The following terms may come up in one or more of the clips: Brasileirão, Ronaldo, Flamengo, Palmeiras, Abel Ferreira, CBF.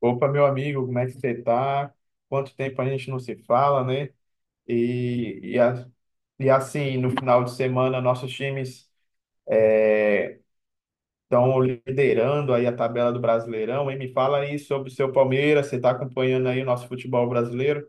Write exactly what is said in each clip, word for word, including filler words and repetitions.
Opa, meu amigo, como é que você tá? Quanto tempo a gente não se fala, né? E, e, a- e assim, no final de semana, nossos times estão liderando aí a tabela do Brasileirão. E me fala aí sobre o seu Palmeiras, você está acompanhando aí o nosso futebol brasileiro?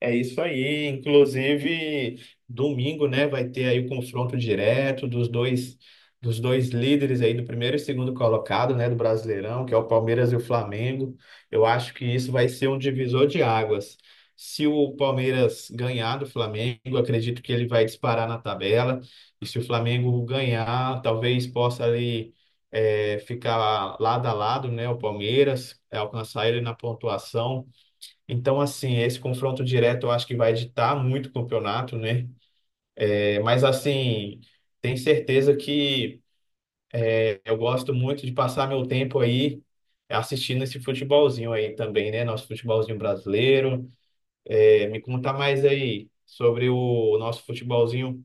É isso aí. Inclusive, domingo, né, vai ter aí o confronto direto dos dois dos dois líderes aí do primeiro e segundo colocado, né, do Brasileirão, que é o Palmeiras e o Flamengo. Eu acho que isso vai ser um divisor de águas. Se o Palmeiras ganhar do Flamengo, eu acredito que ele vai disparar na tabela. E se o Flamengo ganhar, talvez possa ali eh, ficar lado a lado, né, o Palmeiras, eh, alcançar ele na pontuação. Então, assim, esse confronto direto eu acho que vai ditar muito o campeonato, né? É, mas, assim, tenho certeza que eu gosto muito de passar meu tempo aí assistindo esse futebolzinho aí também, né? Nosso futebolzinho brasileiro. É, me conta mais aí sobre o nosso futebolzinho.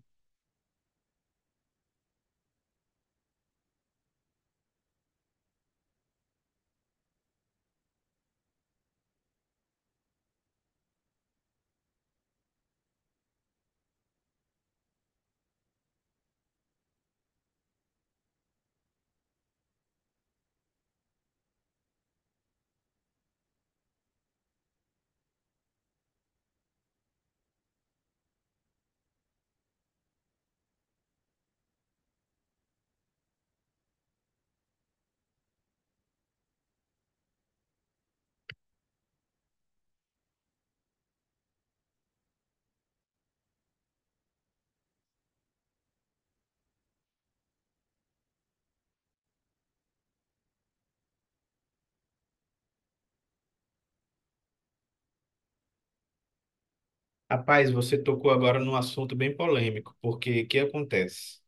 Rapaz, você tocou agora num assunto bem polêmico, porque o que acontece?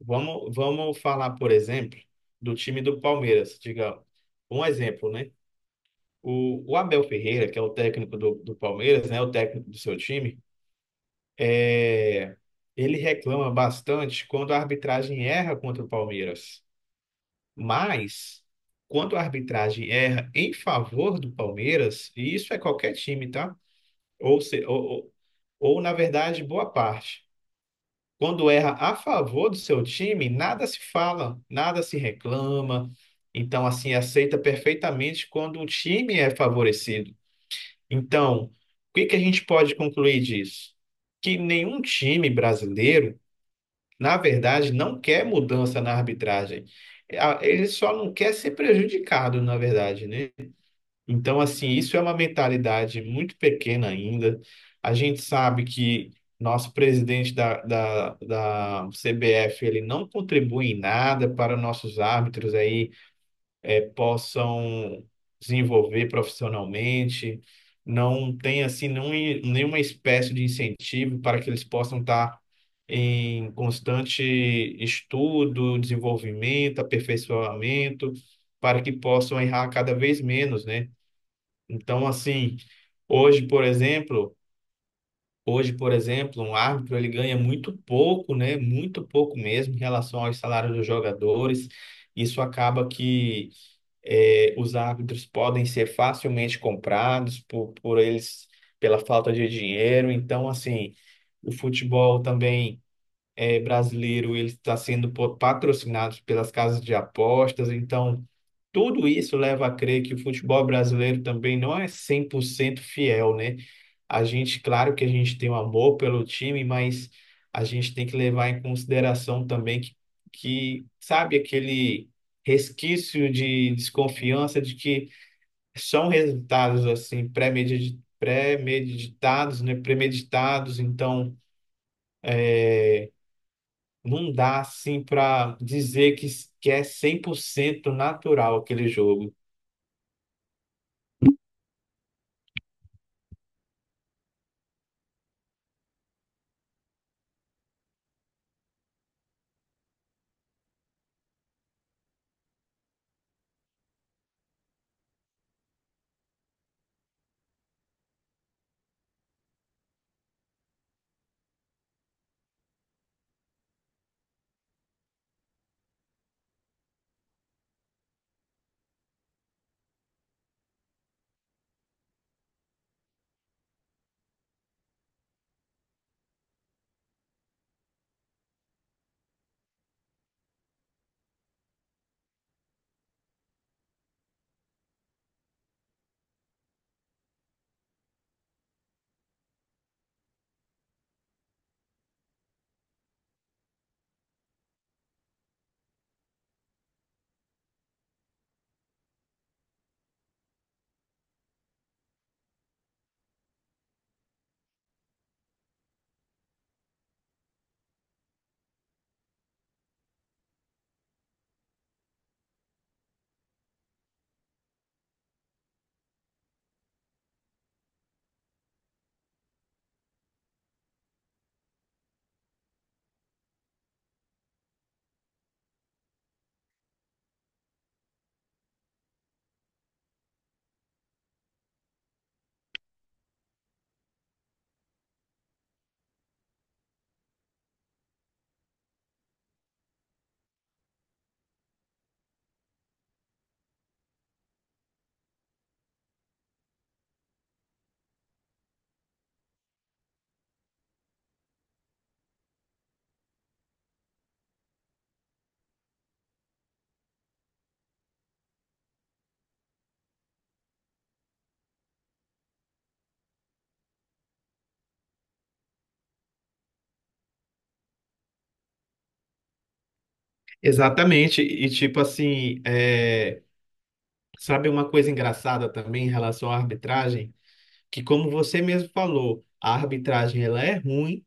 Vamos, vamos falar, por exemplo, do time do Palmeiras, diga um exemplo, né? O, o Abel Ferreira, que é o técnico do, do Palmeiras, né, o técnico do seu time, é, ele reclama bastante quando a arbitragem erra contra o Palmeiras. Mas, quando a arbitragem erra em favor do Palmeiras, e isso é qualquer time, tá? Ou, se, ou, ou, ou, na verdade, boa parte. Quando erra a favor do seu time, nada se fala, nada se reclama. Então, assim, aceita perfeitamente quando o time é favorecido. Então, o que que a gente pode concluir disso? Que nenhum time brasileiro, na verdade, não quer mudança na arbitragem. A- Ele só não quer ser prejudicado, na verdade, né? Então, assim, isso é uma mentalidade muito pequena ainda. A gente sabe que nosso presidente da, da, da C B F, ele não contribui em nada para nossos árbitros aí eh, possam desenvolver profissionalmente, não tem assim não, nenhuma espécie de incentivo para que eles possam estar em constante estudo, desenvolvimento, aperfeiçoamento, para que possam errar cada vez menos, né? Então, assim, hoje, por exemplo, hoje, por exemplo, um árbitro ele ganha muito pouco, né? Muito pouco mesmo em relação aos salários dos jogadores. Isso acaba que é, os árbitros podem ser facilmente comprados por, por eles pela falta de dinheiro. Então, assim, o futebol também é, brasileiro ele está sendo po- patrocinado pelas casas de apostas. Então, tudo isso leva a crer que o futebol brasileiro também não é cem por cento fiel, né? A gente, claro que a gente tem um amor pelo time, mas a gente tem que levar em consideração também que, que sabe, aquele resquício de desconfiança de que são resultados assim pré-medidi- pré-meditados, né, premeditados, então não dá assim para dizer que, que é cem por cento natural aquele jogo. Exatamente, e tipo assim, é, sabe uma coisa engraçada também em relação à arbitragem? Que, como você mesmo falou, a arbitragem ela é ruim,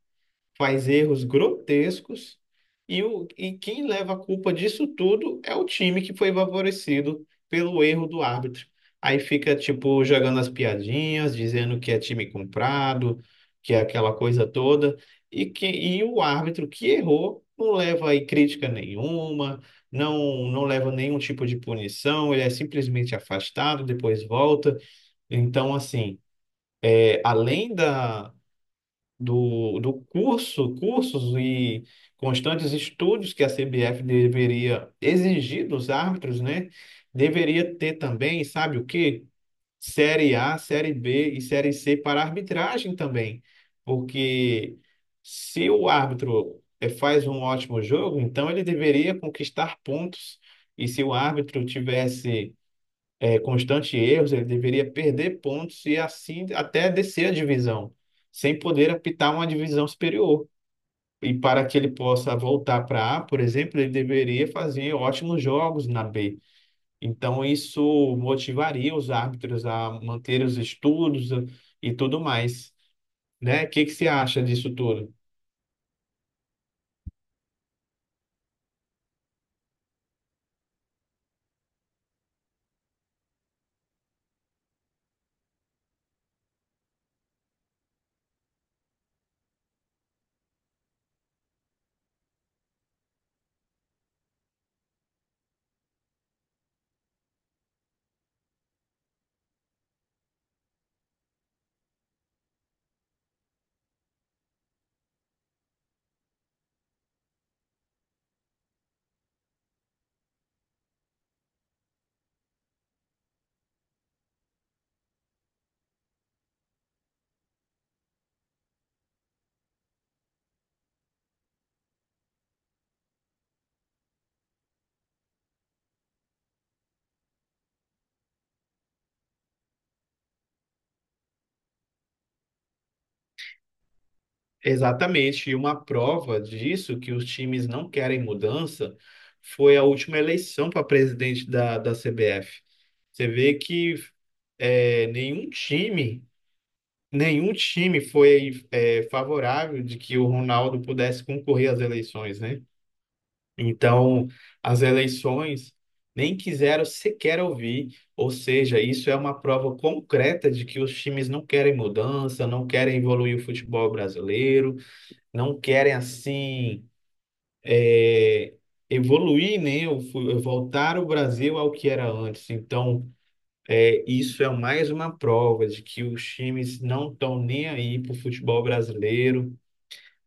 faz erros grotescos, e, o, e quem leva a culpa disso tudo é o time que foi favorecido pelo erro do árbitro. Aí fica, tipo, jogando as piadinhas, dizendo que é time comprado, que é aquela coisa toda, e, que, e o árbitro que errou não leva aí crítica nenhuma. Não, não leva nenhum tipo de punição, ele é simplesmente afastado, depois volta. Então, assim, além da, do, do curso, cursos e constantes estudos que a C B F deveria exigir dos árbitros, né? Deveria ter também, sabe o quê? Série A, Série B e Série C para arbitragem também. Porque se o árbitro eh, faz um ótimo jogo, então ele deveria conquistar pontos. E se o árbitro tivesse é, constantes erros, ele deveria perder pontos e assim até descer a divisão, sem poder apitar uma divisão superior. E para que ele possa voltar para A, por exemplo, ele deveria fazer ótimos jogos na B. Então, isso motivaria os árbitros a manter os estudos e tudo mais, né? O que que você acha disso tudo? Exatamente, e uma prova disso que os times não querem mudança foi a última eleição para presidente da, da C B F. Você vê que é, nenhum time, nenhum time foi é, favorável de que o Ronaldo pudesse concorrer às eleições, né? Então, as eleições nem quiseram sequer ouvir, ou seja, isso é uma prova concreta de que os times não querem mudança, não querem evoluir o futebol brasileiro não querem assim é, evoluir, né? Eu fui- Voltar o Brasil ao que era antes. Então, é, isso é mais uma prova de que os times não estão nem aí para o futebol brasileiro.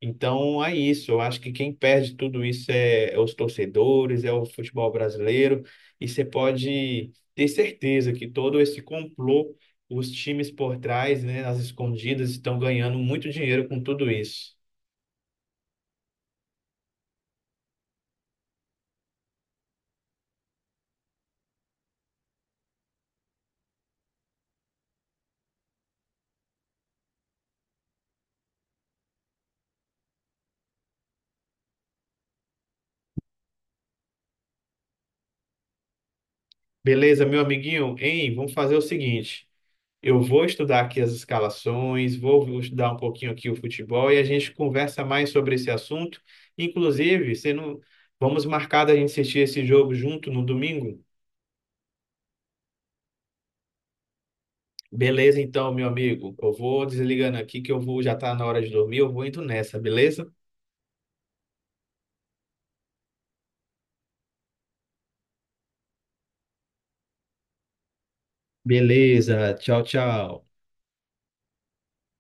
Então, é isso. Eu acho que quem perde tudo isso é, é os torcedores, é o futebol brasileiro. E você pode ter certeza que todo esse complô, os times por trás, né, as escondidas, estão ganhando muito dinheiro com tudo isso. Beleza, meu amiguinho? Hein, vamos fazer o seguinte: eu vou estudar aqui as escalações, vou vou estudar um pouquinho aqui o futebol e a gente conversa mais sobre esse assunto. Inclusive, você não... vamos marcar da gente assistir esse jogo junto no domingo? Beleza, então, meu amigo. Eu vou desligando aqui que eu vou, já tá na hora de dormir, eu vou indo nessa, beleza? Beleza, tchau, tchau.